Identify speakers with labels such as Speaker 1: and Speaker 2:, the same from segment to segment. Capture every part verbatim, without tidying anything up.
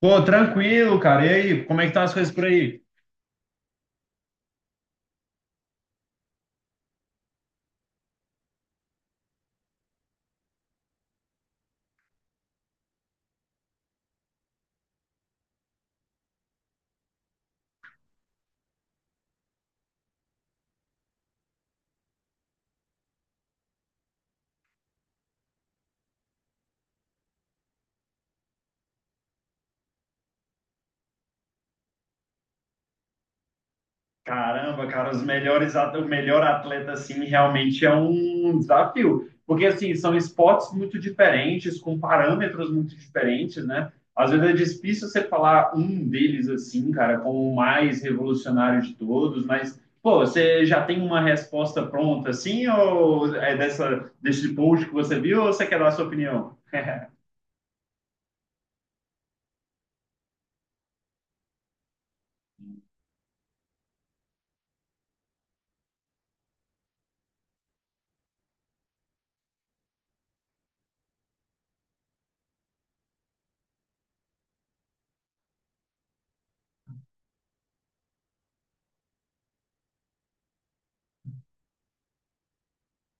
Speaker 1: Pô, tranquilo, cara. E aí, como é que estão as coisas por aí? Caramba, cara, os melhores, at- o melhor atleta, assim, realmente é um desafio. Porque, assim, são esportes muito diferentes, com parâmetros muito diferentes, né? Às vezes é difícil você falar um deles, assim, cara, como o mais revolucionário de todos, mas, pô, você já tem uma resposta pronta, assim, ou é dessa, desse post que você viu, ou você quer dar a sua opinião?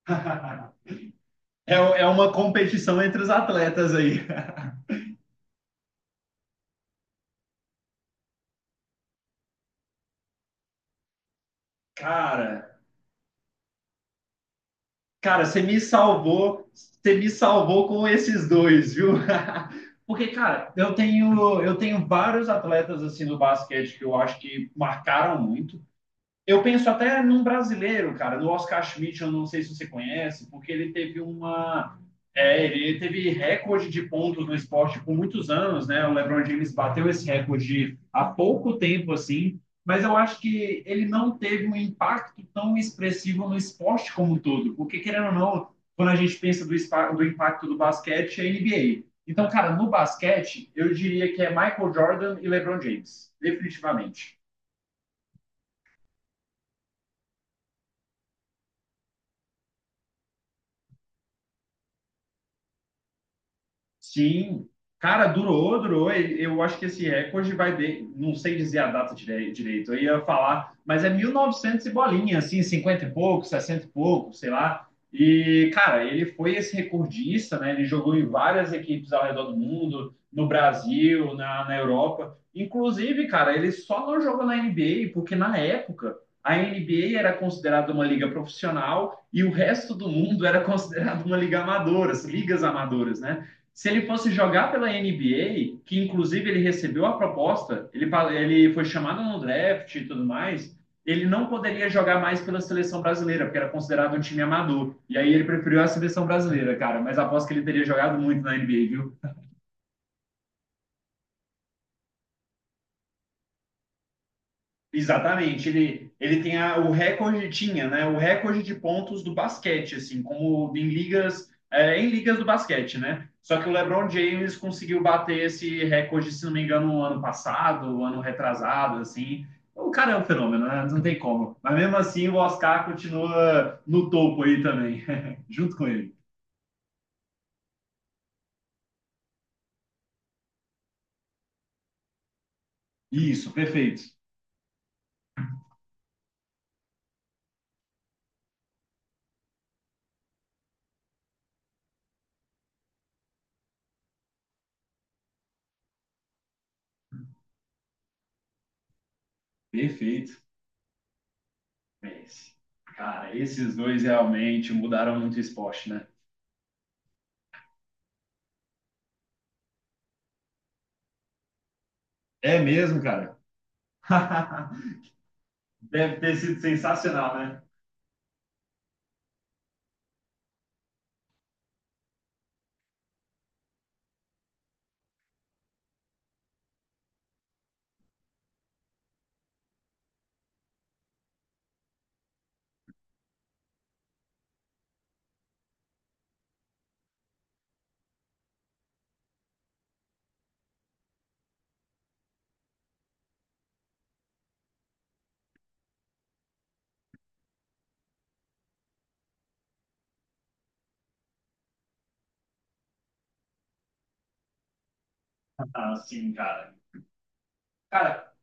Speaker 1: É, é uma competição entre os atletas aí. Cara, cara, você me salvou, você me salvou com esses dois, viu? Porque, cara, eu tenho, eu tenho vários atletas assim do basquete que eu acho que marcaram muito. Eu penso até num brasileiro, cara, no Oscar Schmidt, eu não sei se você conhece, porque ele teve uma. É, ele teve recorde de pontos no esporte por muitos anos, né? O LeBron James bateu esse recorde há pouco tempo, assim, mas eu acho que ele não teve um impacto tão expressivo no esporte como um todo, porque, querendo ou não, quando a gente pensa do, espa, do impacto do basquete, é N B A. Então, cara, no basquete, eu diria que é Michael Jordan e LeBron James, definitivamente. Sim, cara, durou, durou. E eu acho que esse recorde vai de, não sei dizer a data dire- direito. Eu ia falar, mas é mil novecentos e novecentos e bolinha, assim, cinquenta e pouco, sessenta e pouco, sei lá. E, cara, ele foi esse recordista, né? Ele jogou em várias equipes ao redor do mundo, no Brasil, na, na Europa. Inclusive, cara, ele só não jogou na N B A porque na época a N B A era considerada uma liga profissional e o resto do mundo era considerado uma liga amadora, as ligas amadoras, né? Se ele fosse jogar pela N B A, que inclusive ele recebeu a proposta, ele, ele foi chamado no draft e tudo mais, ele não poderia jogar mais pela seleção brasileira, porque era considerado um time amador. E aí ele preferiu a seleção brasileira, cara. Mas aposto que ele teria jogado muito na N B A, viu? Exatamente, ele, ele tem a- o recorde, tinha, né, o recorde de pontos do basquete, assim, como em ligas, é, em ligas do basquete, né? Só que o LeBron James conseguiu bater esse recorde, se não me engano, no ano passado, ano retrasado, assim. O cara é um fenômeno, né? Não tem como. Mas mesmo assim, o Oscar continua no topo aí também, junto com ele. Isso, perfeito. Perfeito. Esse. Cara, esses dois realmente mudaram muito o esporte, né? É mesmo, cara. Deve ter sido sensacional, né? Ah, sim, cara. Cara,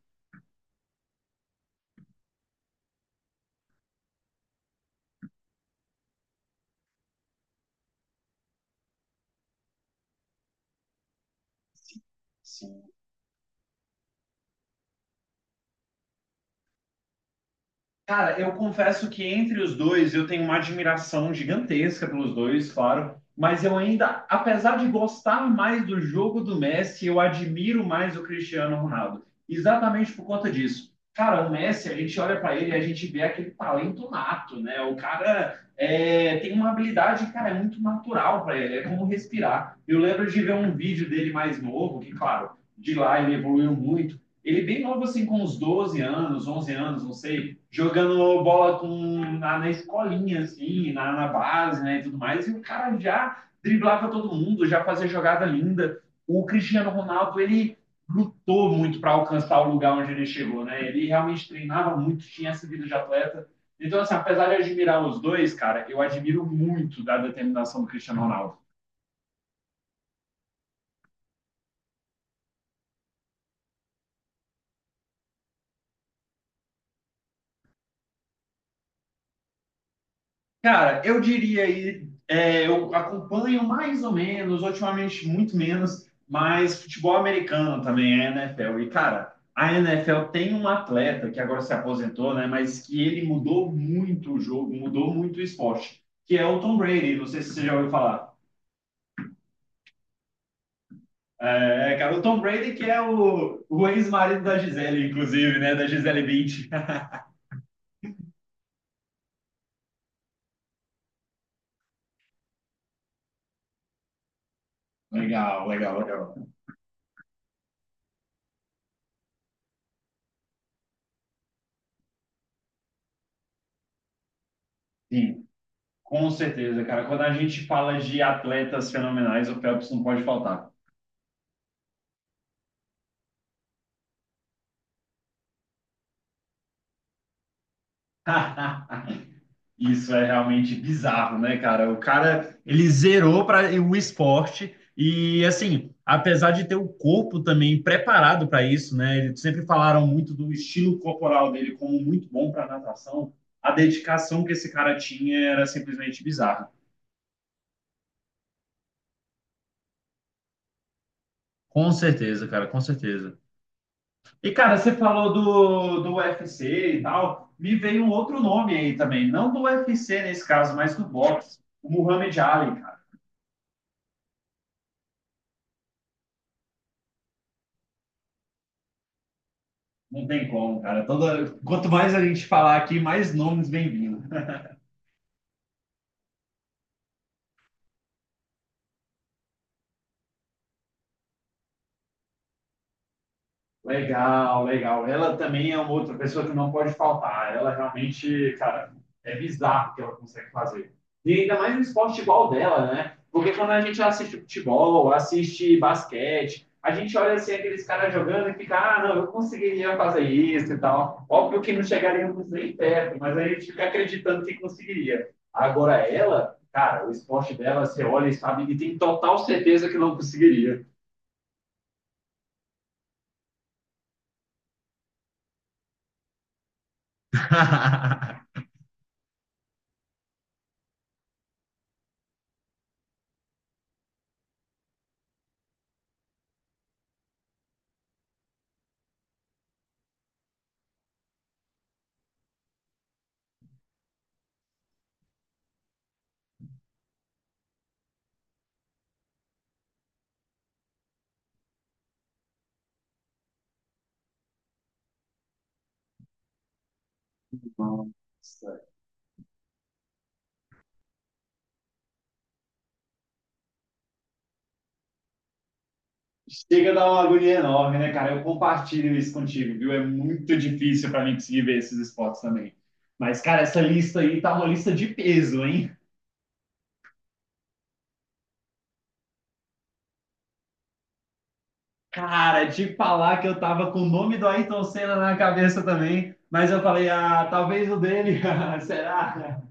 Speaker 1: sim, sim. Cara, eu confesso que entre os dois eu tenho uma admiração gigantesca pelos dois, claro, mas eu ainda, apesar de gostar mais do jogo do Messi, eu admiro mais o Cristiano Ronaldo. Exatamente por conta disso. Cara, o Messi, a gente olha para ele e a gente vê aquele talento nato, né? O cara é, tem uma habilidade, cara, é muito natural para ele, é como respirar. Eu lembro de ver um vídeo dele mais novo, que, claro, de lá ele evoluiu muito ele bem novo, assim, com uns doze anos, onze anos, não sei, jogando bola com, na, na escolinha, assim, na, na base, né, e tudo mais. E o cara já driblava todo mundo, já fazia jogada linda. O Cristiano Ronaldo, ele lutou muito para alcançar o lugar onde ele chegou, né? Ele realmente treinava muito, tinha essa vida de atleta. Então, assim, apesar de admirar os dois, cara, eu admiro muito da determinação do Cristiano Ronaldo. Cara, eu diria aí, é, eu acompanho mais ou menos, ultimamente muito menos, mas futebol americano também, é N F L. E, cara, a N F L tem um atleta que agora se aposentou, né? Mas que ele mudou muito o jogo, mudou muito o esporte, que é o Tom Brady. Não sei se você já ouviu falar. É, é, cara, o Tom Brady, que é o, o ex-marido da Gisele, inclusive, né? Da Gisele Bündchen. Legal, legal, legal. Sim. Com certeza, cara. Quando a gente fala de atletas fenomenais, o Phelps não pode faltar. Isso é realmente bizarro, né, cara? O cara, ele zerou para o esporte e, assim, apesar de ter o corpo também preparado para isso, né? Eles sempre falaram muito do estilo corporal dele como muito bom para natação. A dedicação que esse cara tinha era simplesmente bizarra. Com certeza, cara, com certeza. E, cara, você falou do, do U F C e tal. Me veio um outro nome aí também. Não do U F C nesse caso, mas do boxe. O Muhammad Ali, cara. Não tem como, cara. Toda... Quanto mais a gente falar aqui, mais nomes bem-vindos. Legal, legal. Ela também é uma outra pessoa que não pode faltar. Ela realmente, cara, é bizarro o que ela consegue fazer. E ainda mais um esporte igual dela, né? Porque quando a gente assiste futebol, assiste basquete, a gente olha assim aqueles caras jogando e fica, ah, não, eu conseguiria fazer isso e tal. Óbvio que não chegaríamos nem perto, mas a gente fica acreditando que conseguiria. Agora ela, cara, o esporte dela, você olha e sabe que tem total certeza que não conseguiria. Nossa. Chega a dar uma agonia enorme, né, cara? Eu compartilho isso contigo, viu? É muito difícil para mim conseguir ver esses esportes também. Mas, cara, essa lista aí tá uma lista de peso, hein? Cara, te falar que eu tava com o nome do Ayrton Senna na cabeça também, mas eu falei, ah, talvez o dele, será?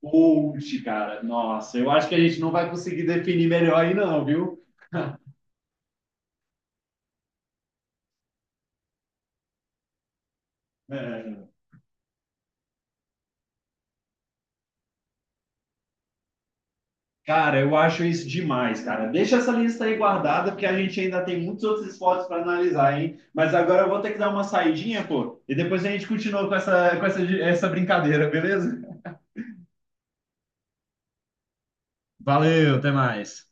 Speaker 1: Coach, cara, nossa, eu acho que a gente não vai conseguir definir melhor aí não, viu? É. Cara, eu acho isso demais, cara. Deixa essa lista aí guardada, porque a gente ainda tem muitos outros esportes para analisar, hein? Mas agora eu vou ter que dar uma saidinha, pô, e depois a gente continua com essa, com essa, essa brincadeira, beleza? Valeu, até mais.